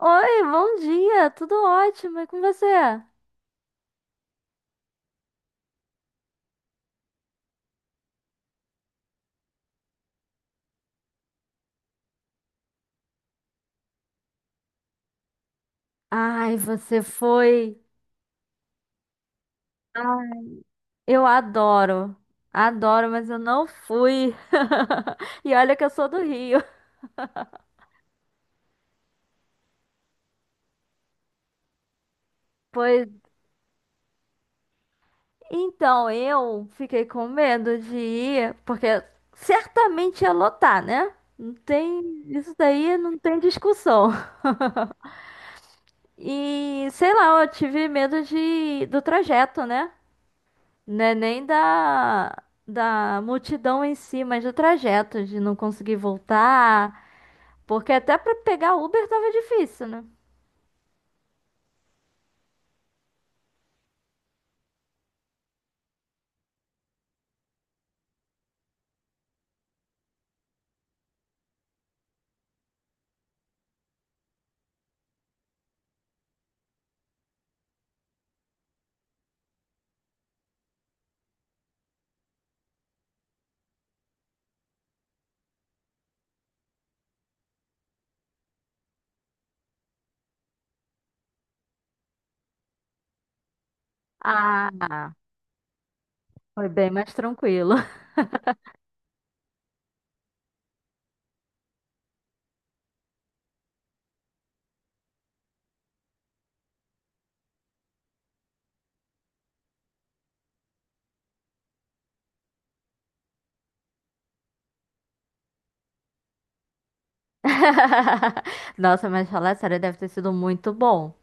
Oi, bom dia, tudo ótimo, e com você? Ai, você foi. Ah, eu adoro, mas eu não fui. E olha que eu sou do Rio. Pois então eu fiquei com medo de ir, porque certamente ia lotar, né? Não tem, isso daí não tem discussão. E sei lá, eu tive medo de do trajeto, né? Não é nem da multidão em si, mas do trajeto, de não conseguir voltar. Porque até pra pegar Uber tava difícil, né? Ah, foi bem mais tranquilo. Nossa, mas falar sério, deve ter sido muito bom.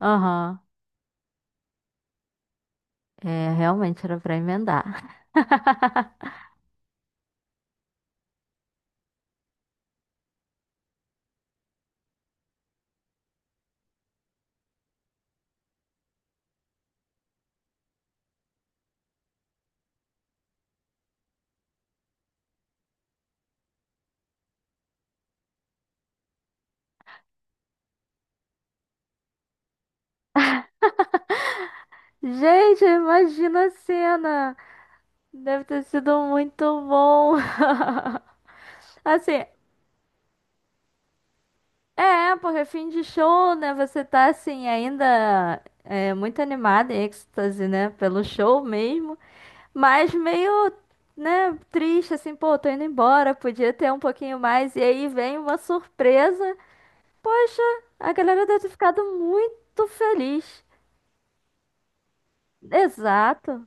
Aham. É, realmente era pra emendar. Gente, imagina a cena. Deve ter sido muito bom. Assim, é, porque fim de show, né? Você tá assim, ainda é, muito animada, em êxtase, né? Pelo show mesmo, mas meio, né, triste, assim, pô, tô indo embora, podia ter um pouquinho mais. E aí vem uma surpresa. Poxa, a galera deve ter ficado muito feliz. Exato.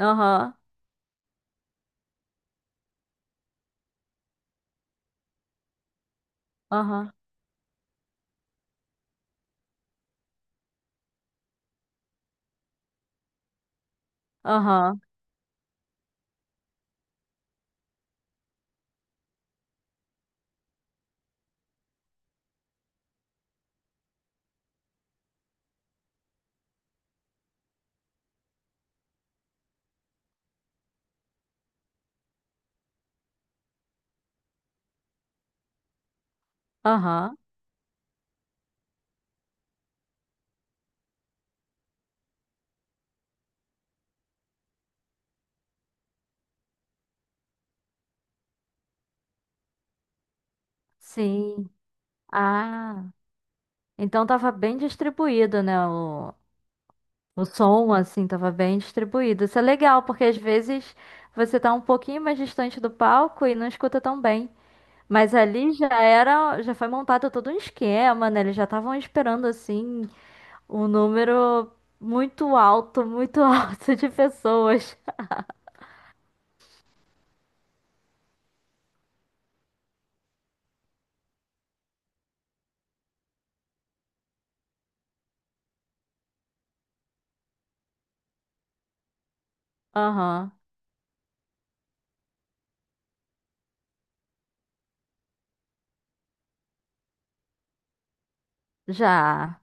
Aham, aham, aham, aham. Sim. Ah, então tava bem distribuído, né? O som, assim, tava bem distribuído. Isso é legal, porque às vezes você tá um pouquinho mais distante do palco e não escuta tão bem. Mas ali já era, já foi montado todo um esquema, né? Eles já estavam esperando, assim, um número muito alto, muito alto de pessoas. Aham, já.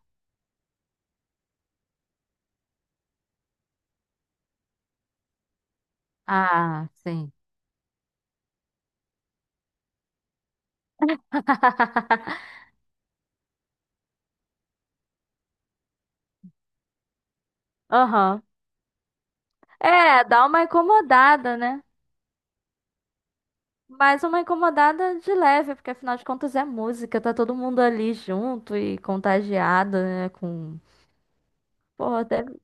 Ah, sim. Aham. É, dá uma incomodada, né? Mas uma incomodada de leve, porque afinal de contas é música, tá todo mundo ali junto e contagiado, né? Com. Pô,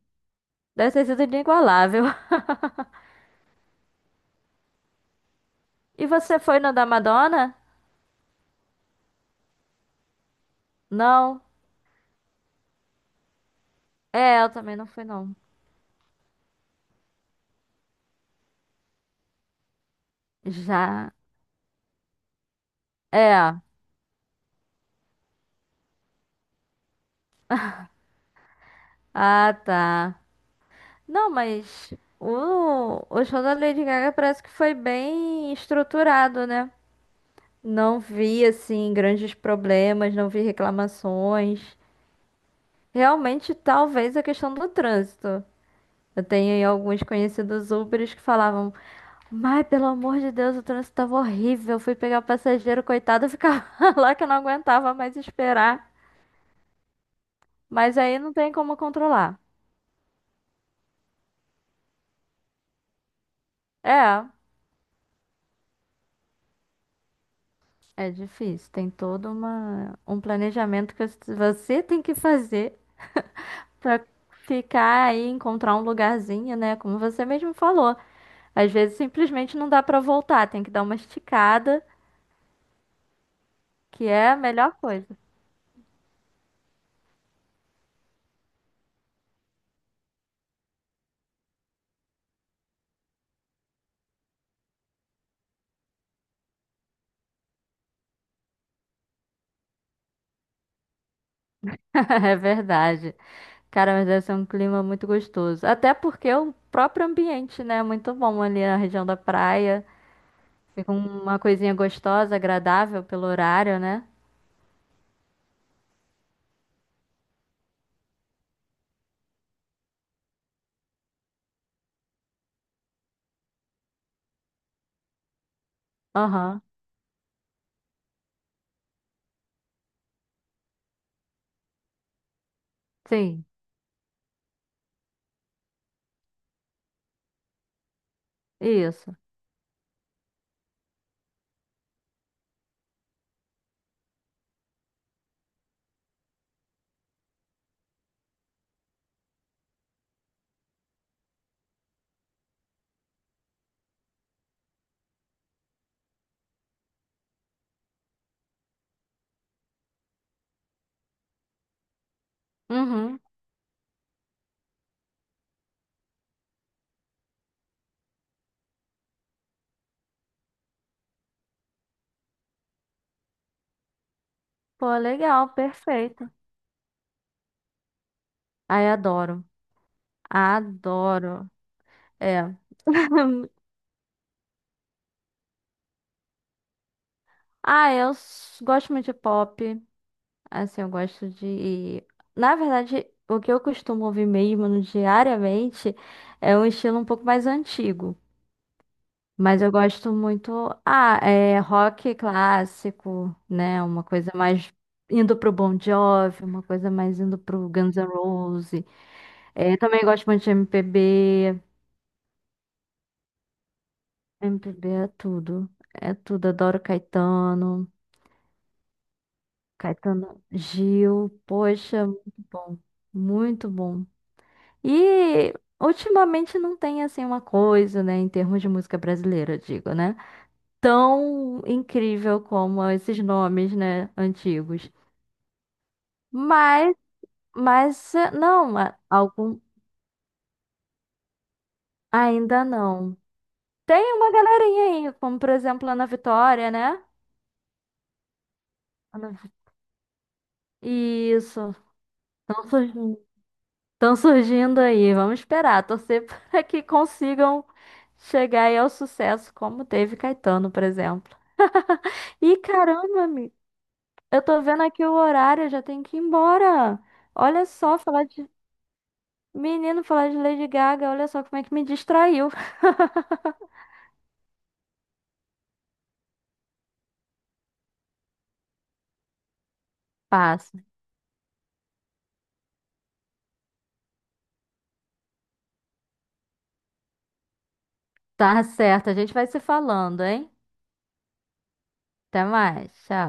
deve ter sido inigualável. E você foi no da Madonna? Não. É, eu também não fui, não. Já. É. Ah, tá. Não, mas o show da Lady Gaga parece que foi bem estruturado, né? Não vi, assim, grandes problemas, não vi reclamações. Realmente, talvez a questão do trânsito. Eu tenho aí alguns conhecidos Ubers que falavam, mas pelo amor de Deus, o trânsito tava horrível. Fui pegar o passageiro, coitado, eu ficava lá que eu não aguentava mais esperar. Mas aí não tem como controlar. É, é difícil. Tem todo um planejamento que você tem que fazer pra ficar aí, encontrar um lugarzinho, né? Como você mesmo falou. Às vezes simplesmente não dá pra voltar, tem que dar uma esticada, que é a melhor coisa. É verdade. Cara, mas deve ser um clima muito gostoso. Até porque o próprio ambiente, né, é muito bom ali na região da praia. Fica uma coisinha gostosa, agradável pelo horário, né? Aham, sim, isso. Uhum. Pô, legal, perfeito. Ai, adoro. Adoro. É. Ah, eu gosto muito de pop. Assim, eu gosto de. Na verdade, o que eu costumo ouvir mesmo diariamente é um estilo um pouco mais antigo. Mas eu gosto muito. Ah, é rock clássico, né? Uma coisa mais indo pro Bon Jovi, uma coisa mais indo pro Guns N' Roses. É, também gosto muito de MPB. MPB é tudo. É tudo. Adoro Caetano. Caetano Gil. Poxa, muito bom. Muito bom. E ultimamente não tem assim uma coisa, né? Em termos de música brasileira, eu digo, né? Tão incrível como esses nomes, né? Antigos. Mas, mas não, algum ainda não. Tem uma galerinha aí, como por exemplo a Ana Vitória, né? Ana Vi- Isso, estão surgindo, tão surgindo aí. Vamos esperar, torcer para que consigam chegar aí ao sucesso, como teve Caetano, por exemplo. E caramba, amigo, eu tô vendo aqui o horário, eu já tenho que ir embora. Olha só, falar de menino, falar de Lady Gaga, olha só como é que me distraiu. Passa. Tá certo, a gente vai se falando, hein? Até mais, tchau.